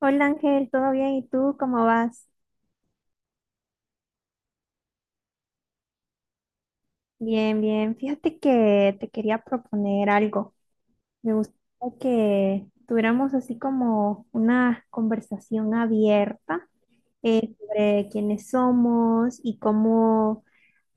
Hola Ángel, ¿todo bien? ¿Y tú cómo vas? Bien, bien. Fíjate que te quería proponer algo. Me gustaría que tuviéramos así como una conversación abierta sobre quiénes somos y cómo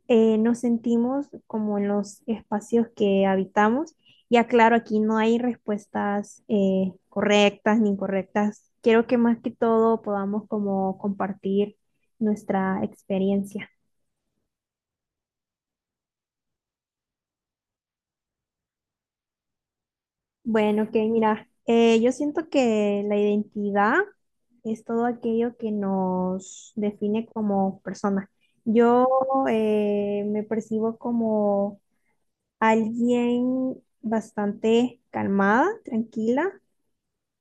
nos sentimos como en los espacios que habitamos. Ya claro, aquí no hay respuestas correctas ni incorrectas. Quiero que más que todo podamos como compartir nuestra experiencia. Bueno, que mira, yo siento que la identidad es todo aquello que nos define como personas. Yo me percibo como alguien bastante calmada, tranquila,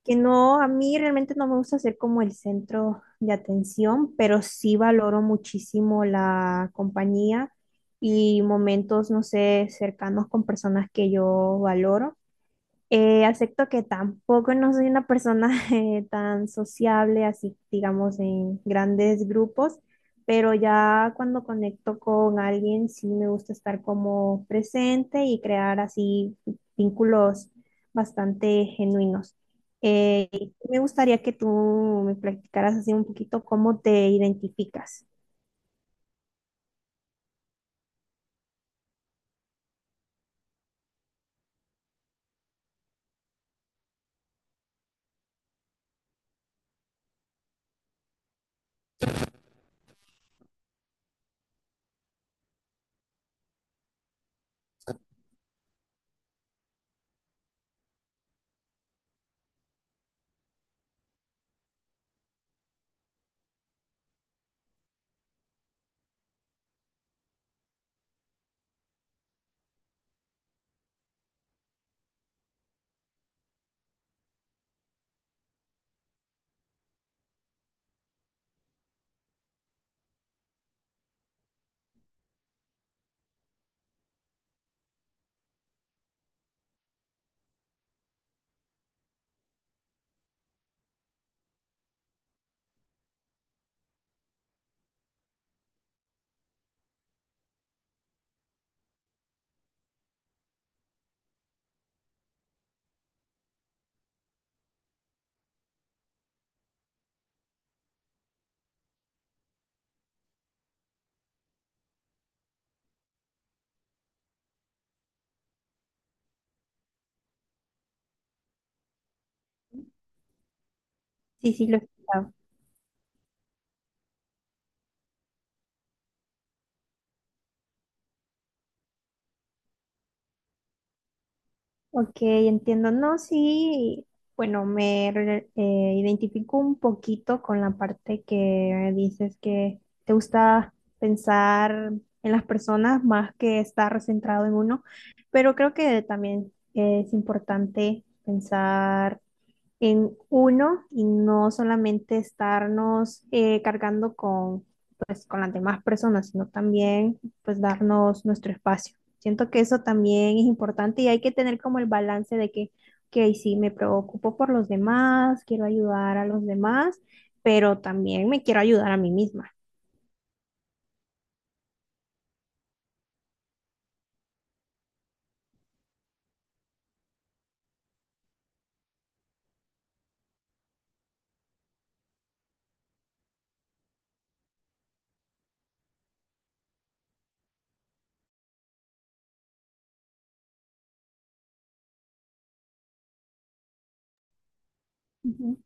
que no, a mí realmente no me gusta ser como el centro de atención, pero sí valoro muchísimo la compañía y momentos, no sé, cercanos con personas que yo valoro. Acepto que tampoco no soy una persona tan sociable, así digamos en grandes grupos, pero ya cuando conecto con alguien sí me gusta estar como presente y crear así vínculos bastante genuinos. Y me gustaría que tú me platicaras así un poquito cómo te identificas. Sí, sí, lo he escuchado. Ok, entiendo. No, sí, bueno, identifico un poquito con la parte que dices que te gusta pensar en las personas más que estar centrado en uno, pero creo que también es importante pensar en uno y no solamente estarnos cargando con, pues, con las demás personas, sino también pues darnos nuestro espacio. Siento que eso también es importante y hay que tener como el balance de que, ok, sí, me preocupo por los demás, quiero ayudar a los demás, pero también me quiero ayudar a mí misma. Ujú.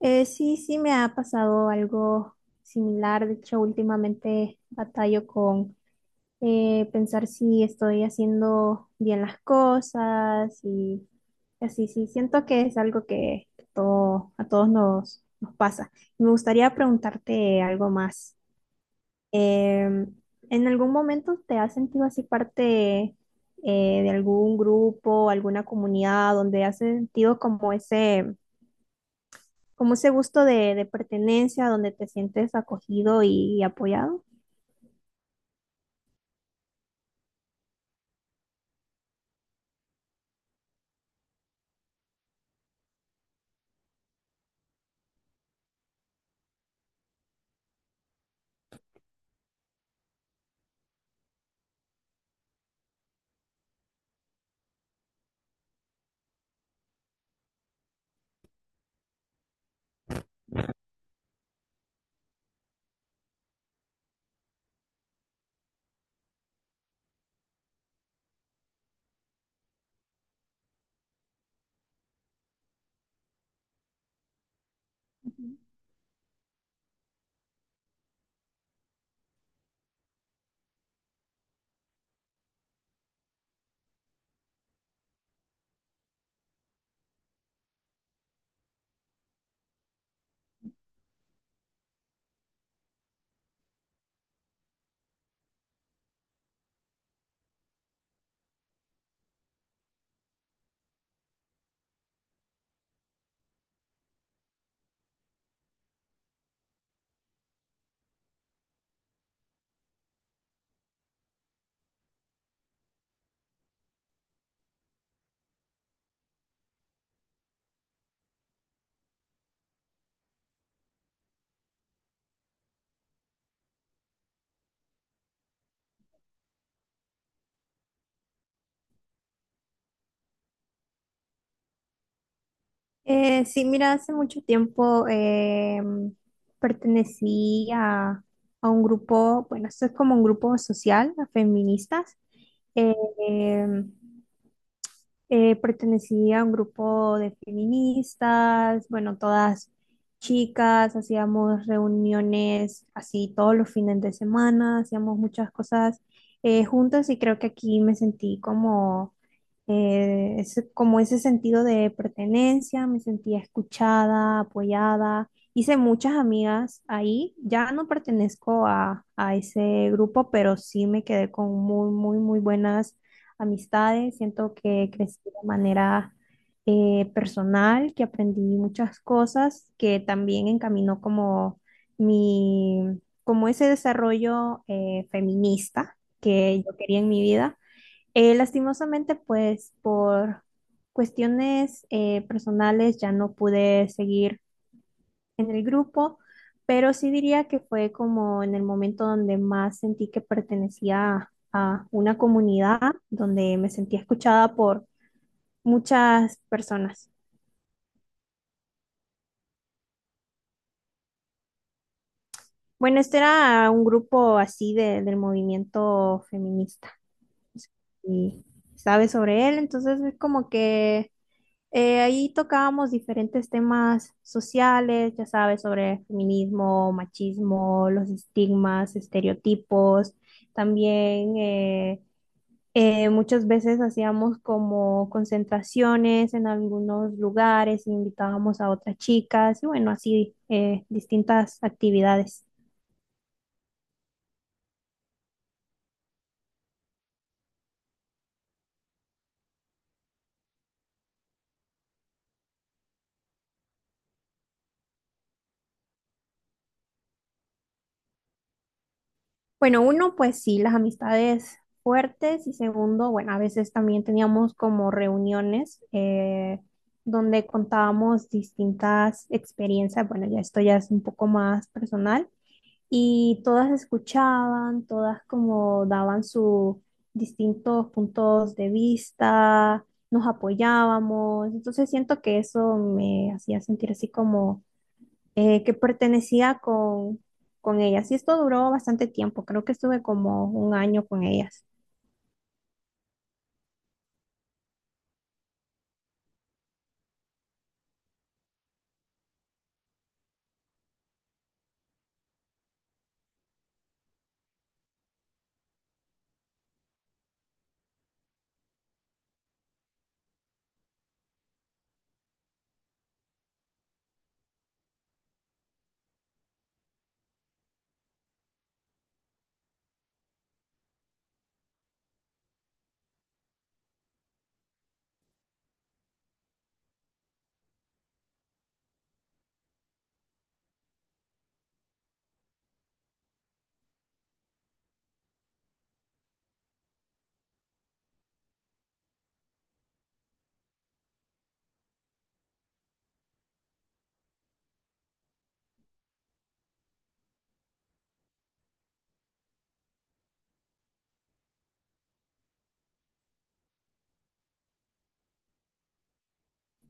Sí, sí, me ha pasado algo similar. De hecho, últimamente batallo con pensar si estoy haciendo bien las cosas y así, sí, siento que es algo que a todos nos pasa. Me gustaría preguntarte algo más. Em, ¿En algún momento te has sentido así parte de algún grupo, alguna comunidad donde has sentido como como ese gusto de pertenencia, donde te sientes acogido y apoyado? Sí, mira, hace mucho tiempo pertenecí a un grupo, bueno, esto es como un grupo social, a feministas, eh, em, pertenecía a un grupo de feministas, bueno, todas chicas, hacíamos reuniones así todos los fines de semana, hacíamos muchas cosas juntas y creo que aquí me sentí como, como ese sentido de pertenencia, me sentía escuchada, apoyada. Hice muchas amigas ahí, ya no pertenezco a ese grupo, pero sí me quedé con muy, muy, muy buenas amistades, siento que crecí de manera personal, que aprendí muchas cosas, que también encaminó como mi, como ese desarrollo feminista que yo quería en mi vida. Lastimosamente, pues por cuestiones personales ya no pude seguir en el grupo, pero sí diría que fue como en el momento donde más sentí que pertenecía a una comunidad, donde me sentía escuchada por muchas personas. Bueno, este era un grupo del movimiento feminista. Y sabes sobre él, entonces es como que ahí tocábamos diferentes temas sociales, ya sabes, sobre feminismo, machismo, los estigmas, estereotipos. También muchas veces hacíamos como concentraciones en algunos lugares, invitábamos a otras chicas y bueno, así distintas actividades. Bueno, uno, pues sí, las amistades fuertes y segundo, bueno, a veces también teníamos como reuniones donde contábamos distintas experiencias, bueno, ya esto ya es un poco más personal y todas escuchaban, todas como daban sus distintos puntos de vista, nos apoyábamos, entonces siento que eso me hacía sentir así como que pertenecía con ellas. Y esto duró bastante tiempo, creo que estuve como 1 año con ellas.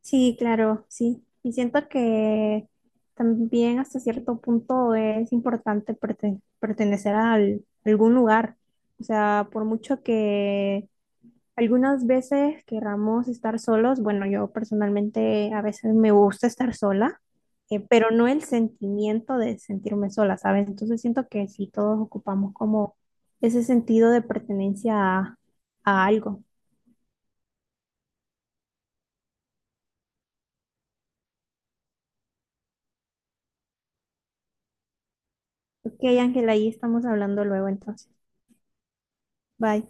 Sí, claro, sí. Y siento que también hasta cierto punto es importante pertenecer a algún lugar. O sea, por mucho que algunas veces querramos estar solos. Bueno, yo personalmente a veces me gusta estar sola, pero no el sentimiento de sentirme sola, ¿sabes? Entonces siento que sí, todos ocupamos como ese sentido de pertenencia a algo. Ok, Ángela, ahí estamos hablando luego entonces. Bye.